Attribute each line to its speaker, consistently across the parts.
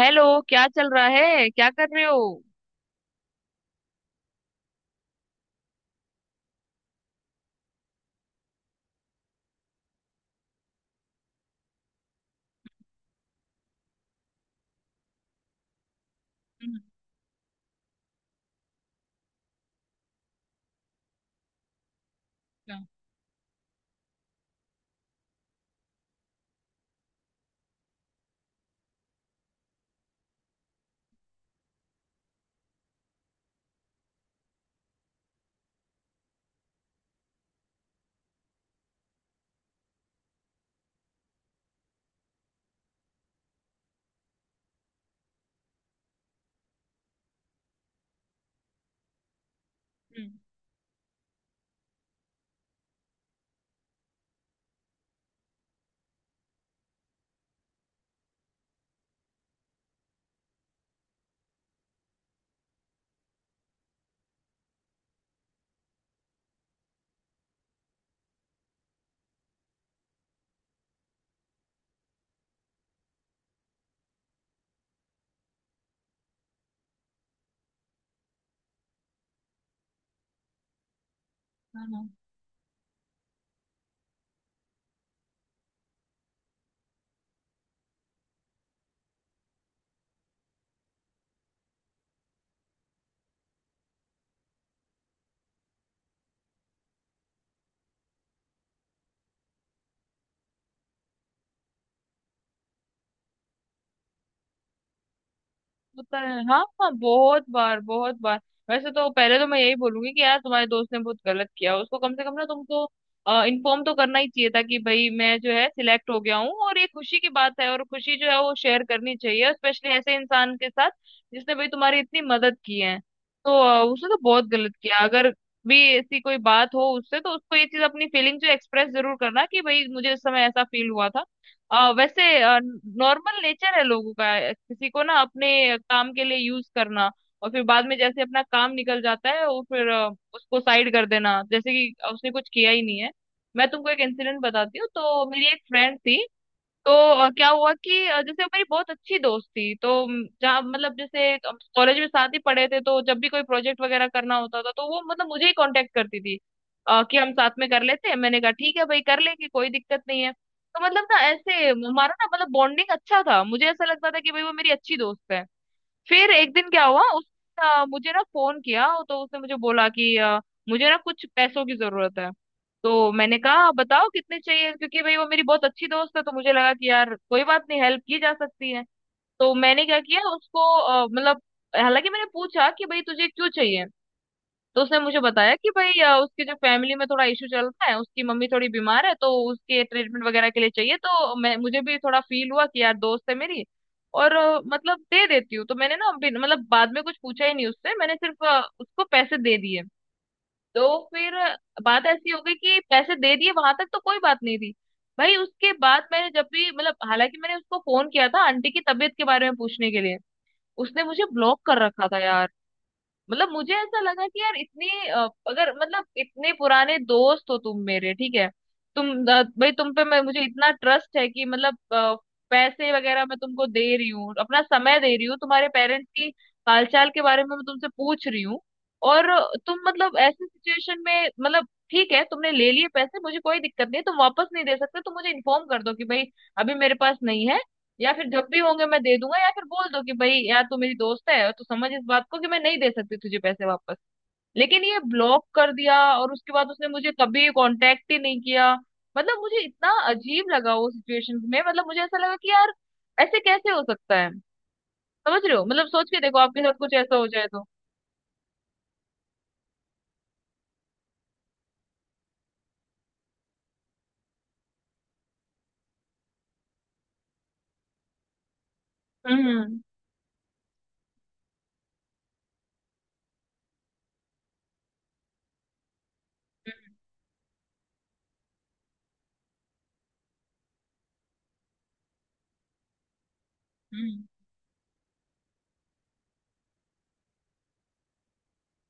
Speaker 1: Hello. क्या चल रहा है, क्या कर रहे हो? हम्म। अच्छा। हम्म। हाँ, हाँ। होता है, हाँ हाँ, बहुत बार बहुत बार। वैसे तो पहले तो मैं यही बोलूंगी कि यार तुम्हारे दोस्त ने बहुत गलत किया। उसको कम से कम ना तुमको इन्फॉर्म तो करना ही चाहिए था कि भाई मैं जो है सिलेक्ट हो गया हूँ, और ये खुशी की बात है, और खुशी जो है वो शेयर करनी चाहिए, स्पेशली ऐसे इंसान के साथ जिसने भाई तुम्हारी इतनी मदद की है। तो उसने तो बहुत गलत किया। अगर भी ऐसी कोई बात हो उससे तो उसको ये चीज अपनी फीलिंग जो एक्सप्रेस जरूर करना, कि भाई मुझे इस समय ऐसा फील हुआ था। वैसे नॉर्मल नेचर है लोगों का, किसी को ना अपने काम के लिए यूज करना, और फिर बाद में जैसे अपना काम निकल जाता है वो फिर उसको साइड कर देना, जैसे कि उसने कुछ किया ही नहीं है। मैं तुमको एक इंसिडेंट बताती हूँ। तो मेरी एक फ्रेंड थी। तो क्या हुआ कि जैसे वो मेरी बहुत अच्छी दोस्त थी, तो जहाँ मतलब जैसे कॉलेज में साथ ही पढ़े थे, तो जब भी कोई प्रोजेक्ट वगैरह करना होता था तो वो मतलब मुझे ही कांटेक्ट करती थी, कि हम साथ में कर लेते हैं। मैंने कहा ठीक है भाई कर लेंगे, कोई दिक्कत नहीं है। तो मतलब ना ऐसे हमारा ना मतलब बॉन्डिंग अच्छा था, मुझे ऐसा लगता था कि भाई वो मेरी अच्छी दोस्त है। फिर एक दिन क्या हुआ, उसने मुझे ना फोन किया, तो उसने मुझे बोला कि मुझे ना कुछ पैसों की जरूरत है। तो मैंने कहा बताओ कितने चाहिए, क्योंकि भाई वो मेरी बहुत अच्छी दोस्त है तो मुझे लगा कि यार कोई बात नहीं, हेल्प की जा सकती है। तो मैंने क्या किया, उसको मतलब हालांकि मैंने पूछा कि भाई तुझे क्यों चाहिए। तो उसने मुझे बताया कि भाई उसके जो फैमिली में थोड़ा इशू चल रहा है, उसकी मम्मी थोड़ी बीमार है तो उसके ट्रीटमेंट वगैरह के लिए चाहिए। तो मैं, मुझे भी थोड़ा फील हुआ कि यार दोस्त है मेरी और मतलब दे देती हूँ। तो मैंने ना मतलब बाद में कुछ पूछा ही नहीं उससे, मैंने सिर्फ उसको पैसे दे दिए। तो फिर बात ऐसी हो गई कि पैसे दे दिए, वहां तक तो कोई बात नहीं थी भाई। उसके बाद मैंने जब भी मतलब हालांकि मैंने उसको फोन किया था आंटी की तबीयत के बारे में पूछने के लिए, उसने मुझे ब्लॉक कर रखा था यार। मतलब मुझे ऐसा लगा कि यार इतनी अगर मतलब इतने पुराने दोस्त हो तुम मेरे, ठीक है तुम भाई तुम पे मैं, मुझे इतना ट्रस्ट है कि मतलब पैसे वगैरह मैं तुमको दे रही हूँ, अपना समय दे रही हूँ, तुम्हारे पेरेंट्स की हालचाल के बारे में मैं तुमसे पूछ रही हूँ, और तुम मतलब ऐसी सिचुएशन में मतलब ठीक है तुमने ले लिए पैसे, मुझे कोई दिक्कत नहीं है, तुम वापस नहीं दे सकते तो मुझे इन्फॉर्म कर दो कि भाई अभी मेरे पास नहीं है, या फिर जब भी होंगे मैं दे दूंगा, या फिर बोल दो कि भाई यार तू मेरी दोस्त है तो समझ इस बात को कि मैं नहीं दे सकती तुझे पैसे वापस। लेकिन ये ब्लॉक कर दिया, और उसके बाद उसने मुझे कभी कांटेक्ट ही नहीं किया। मतलब मुझे इतना अजीब लगा वो सिचुएशन में, मतलब मुझे ऐसा लगा कि यार ऐसे कैसे हो सकता है? समझ रहे हो, मतलब सोच के देखो, आपके साथ कुछ ऐसा हो जाए तो। हम्म। हम्म। हम्म।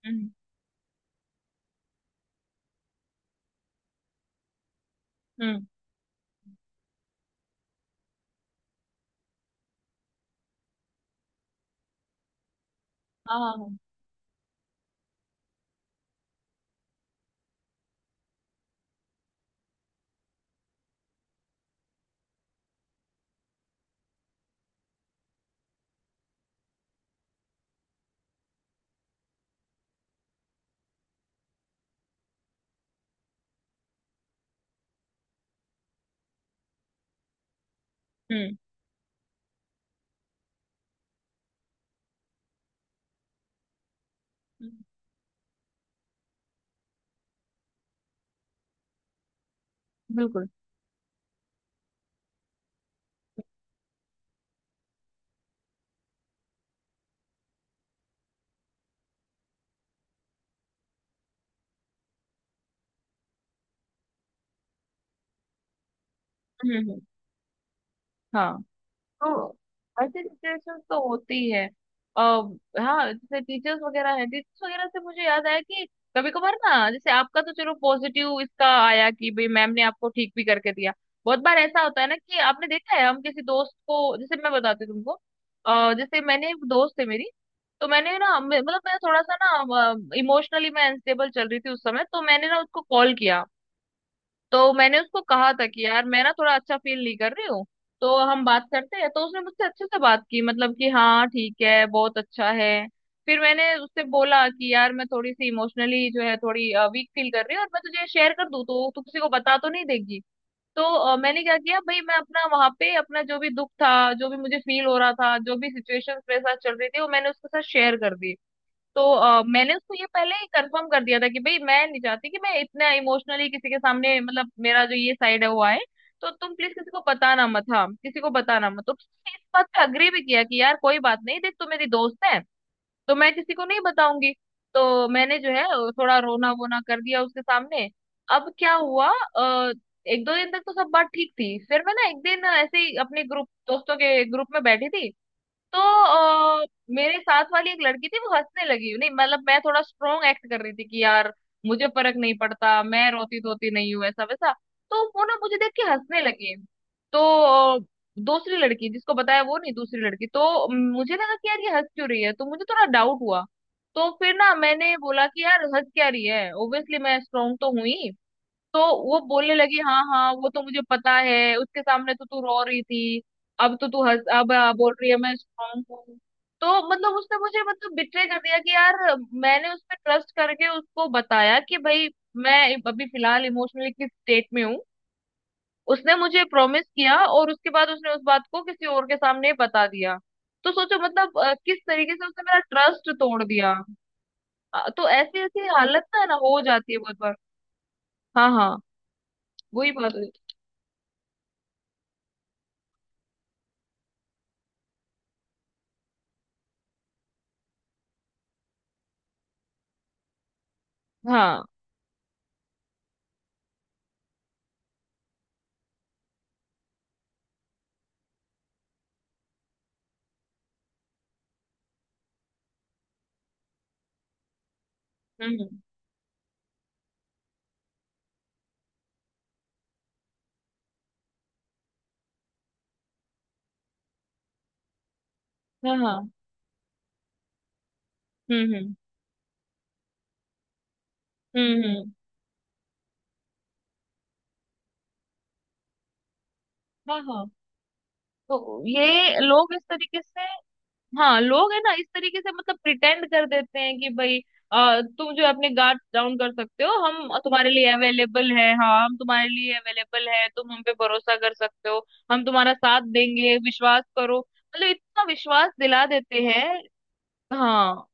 Speaker 1: हम्म। हम्म, हाँ हाँ हाँ। हम्म हम्म। बिल्कुल। हम्म। हाँ। तो ऐसी सिचुएशन तो होती है। अब हाँ जैसे टीचर्स वगैरह हैं, टीचर्स वगैरह से मुझे याद आया कि कभी कभार ना, जैसे आपका तो चलो पॉजिटिव इसका आया कि भाई मैम ने आपको ठीक भी करके दिया। बहुत बार ऐसा होता है ना कि आपने देखा है, हम किसी दोस्त को, जैसे मैं बताती हूँ तुमको, जैसे मैंने, एक दोस्त है मेरी। तो मैंने ना मतलब मैं थोड़ा सा ना इमोशनली मैं अनस्टेबल चल रही थी उस समय, तो मैंने ना उसको कॉल किया। तो मैंने उसको कहा था कि यार मैं ना थोड़ा अच्छा फील नहीं कर रही हूँ, तो हम बात करते हैं? तो उसने मुझसे अच्छे से बात की, मतलब कि हाँ ठीक है बहुत अच्छा है। फिर मैंने उससे बोला कि यार मैं थोड़ी सी इमोशनली जो है थोड़ी वीक फील कर रही हूँ, और मैं तुझे शेयर कर दूँ तो तू किसी को बता तो नहीं देगी? तो मैंने क्या किया भाई, मैं अपना वहां पे अपना जो भी दुख था, जो भी मुझे फील हो रहा था, जो भी सिचुएशन मेरे साथ चल रही थी, वो मैंने उसके साथ शेयर कर दी। तो मैंने उसको ये पहले ही कंफर्म कर दिया था कि भाई मैं नहीं चाहती कि मैं इतना इमोशनली किसी के सामने, मतलब मेरा जो ये साइड है वो आए, तो तुम प्लीज किसी को बताना मत, हाँ किसी को बताना मत। तो उसने इस बात पे अग्री भी किया कि यार कोई बात नहीं, देख तू मेरी दोस्त है तो मैं किसी को नहीं बताऊंगी। तो मैंने जो है थोड़ा रोना वोना कर दिया उसके सामने। अब क्या हुआ, एक दो दिन तक तो सब बात ठीक थी। फिर मैं ना एक दिन ऐसे ही अपने ग्रुप, दोस्तों के ग्रुप में बैठी थी। तो अ, मेरे साथ वाली एक लड़की थी, वो हंसने लगी। नहीं मतलब मैं थोड़ा स्ट्रोंग एक्ट कर रही थी कि यार मुझे फर्क नहीं पड़ता, मैं रोती धोती नहीं हूँ ऐसा वैसा। तो वो ना मुझे देख के हंसने लगी। तो अ, दूसरी लड़की जिसको बताया वो नहीं, दूसरी लड़की। तो मुझे लगा कि यार ये हंस क्यों रही है, तो मुझे थोड़ा डाउट हुआ। तो फिर ना मैंने बोला कि यार हंस क्या रही है, ओब्वियसली मैं स्ट्रोंग तो हुई। तो वो बोलने लगी हाँ हाँ वो तो मुझे पता है, उसके सामने तो तू रो रही थी, अब तो तू हंस, अब बोल रही है मैं स्ट्रांग हूँ। तो मतलब उसने मुझे मतलब बिट्रे कर दिया कि यार मैंने उस पे ट्रस्ट करके उसको बताया कि भाई मैं अभी फिलहाल इमोशनली किस स्टेट में हूँ। उसने मुझे प्रॉमिस किया और उसके बाद उसने उस बात को किसी और के सामने बता दिया। तो सोचो मतलब किस तरीके से उसने मेरा ट्रस्ट तोड़ दिया। तो ऐसी ऐसी हालत ना है ना हो जाती है बहुत बार। हाँ हाँ। वही बात है। हाँ। हम्म। हाँ हाँ। हम्म। हम्म। हम्म। हाँ हाँ। तो ये लोग इस तरीके से, हाँ लोग है ना इस तरीके से मतलब प्रिटेंड कर देते हैं कि भाई तुम जो अपने गार्ड डाउन कर सकते हो, हम तुम्हारे लिए अवेलेबल है, हाँ हम तुम्हारे लिए अवेलेबल है, तुम हम पे भरोसा कर सकते हो, हम तुम्हारा साथ देंगे, विश्वास करो, मतलब इतना विश्वास दिला देते हैं। हाँ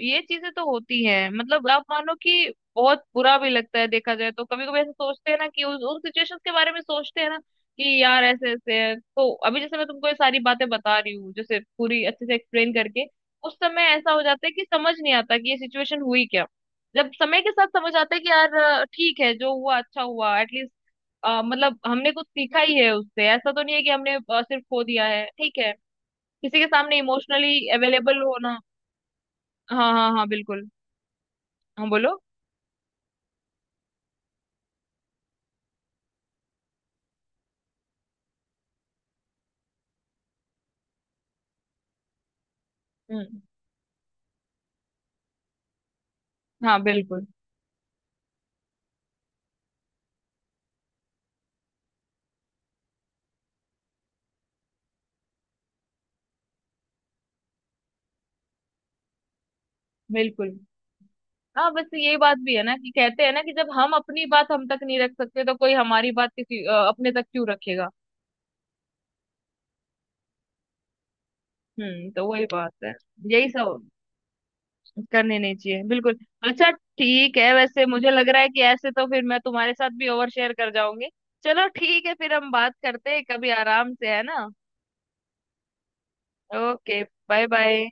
Speaker 1: ये चीजें तो होती हैं, मतलब आप मानो कि बहुत बुरा भी लगता है, देखा जाए तो कभी कभी ऐसा सोचते हैं ना कि उस, उन सिचुएशंस के बारे में सोचते हैं ना कि यार ऐसे ऐसे है, तो अभी जैसे मैं तुमको ये सारी बातें बता रही हूँ जैसे पूरी अच्छे से एक्सप्लेन करके, उस समय ऐसा हो जाता है कि समझ नहीं आता कि ये सिचुएशन हुई क्या। जब समय के साथ समझ आता है कि यार ठीक है, जो हुआ अच्छा हुआ, एटलीस्ट मतलब हमने कुछ सीखा ही है उससे, ऐसा तो नहीं है कि हमने सिर्फ खो दिया है। ठीक है, किसी के सामने इमोशनली अवेलेबल होना। हाँ हाँ हाँ बिल्कुल। हाँ बोलो। हम्म। हाँ बिल्कुल बिल्कुल। हाँ बस ये बात भी है ना कि कहते हैं ना कि जब हम अपनी बात हम तक नहीं रख सकते, तो कोई हमारी बात किसी, अपने तक क्यों रखेगा। हम्म, तो वही बात है, यही सब करने नहीं चाहिए बिल्कुल। अच्छा ठीक है, वैसे मुझे लग रहा है कि ऐसे तो फिर मैं तुम्हारे साथ भी ओवर शेयर कर जाऊंगी। चलो ठीक है, फिर हम बात करते हैं कभी आराम से, है ना। Okay, bye bye.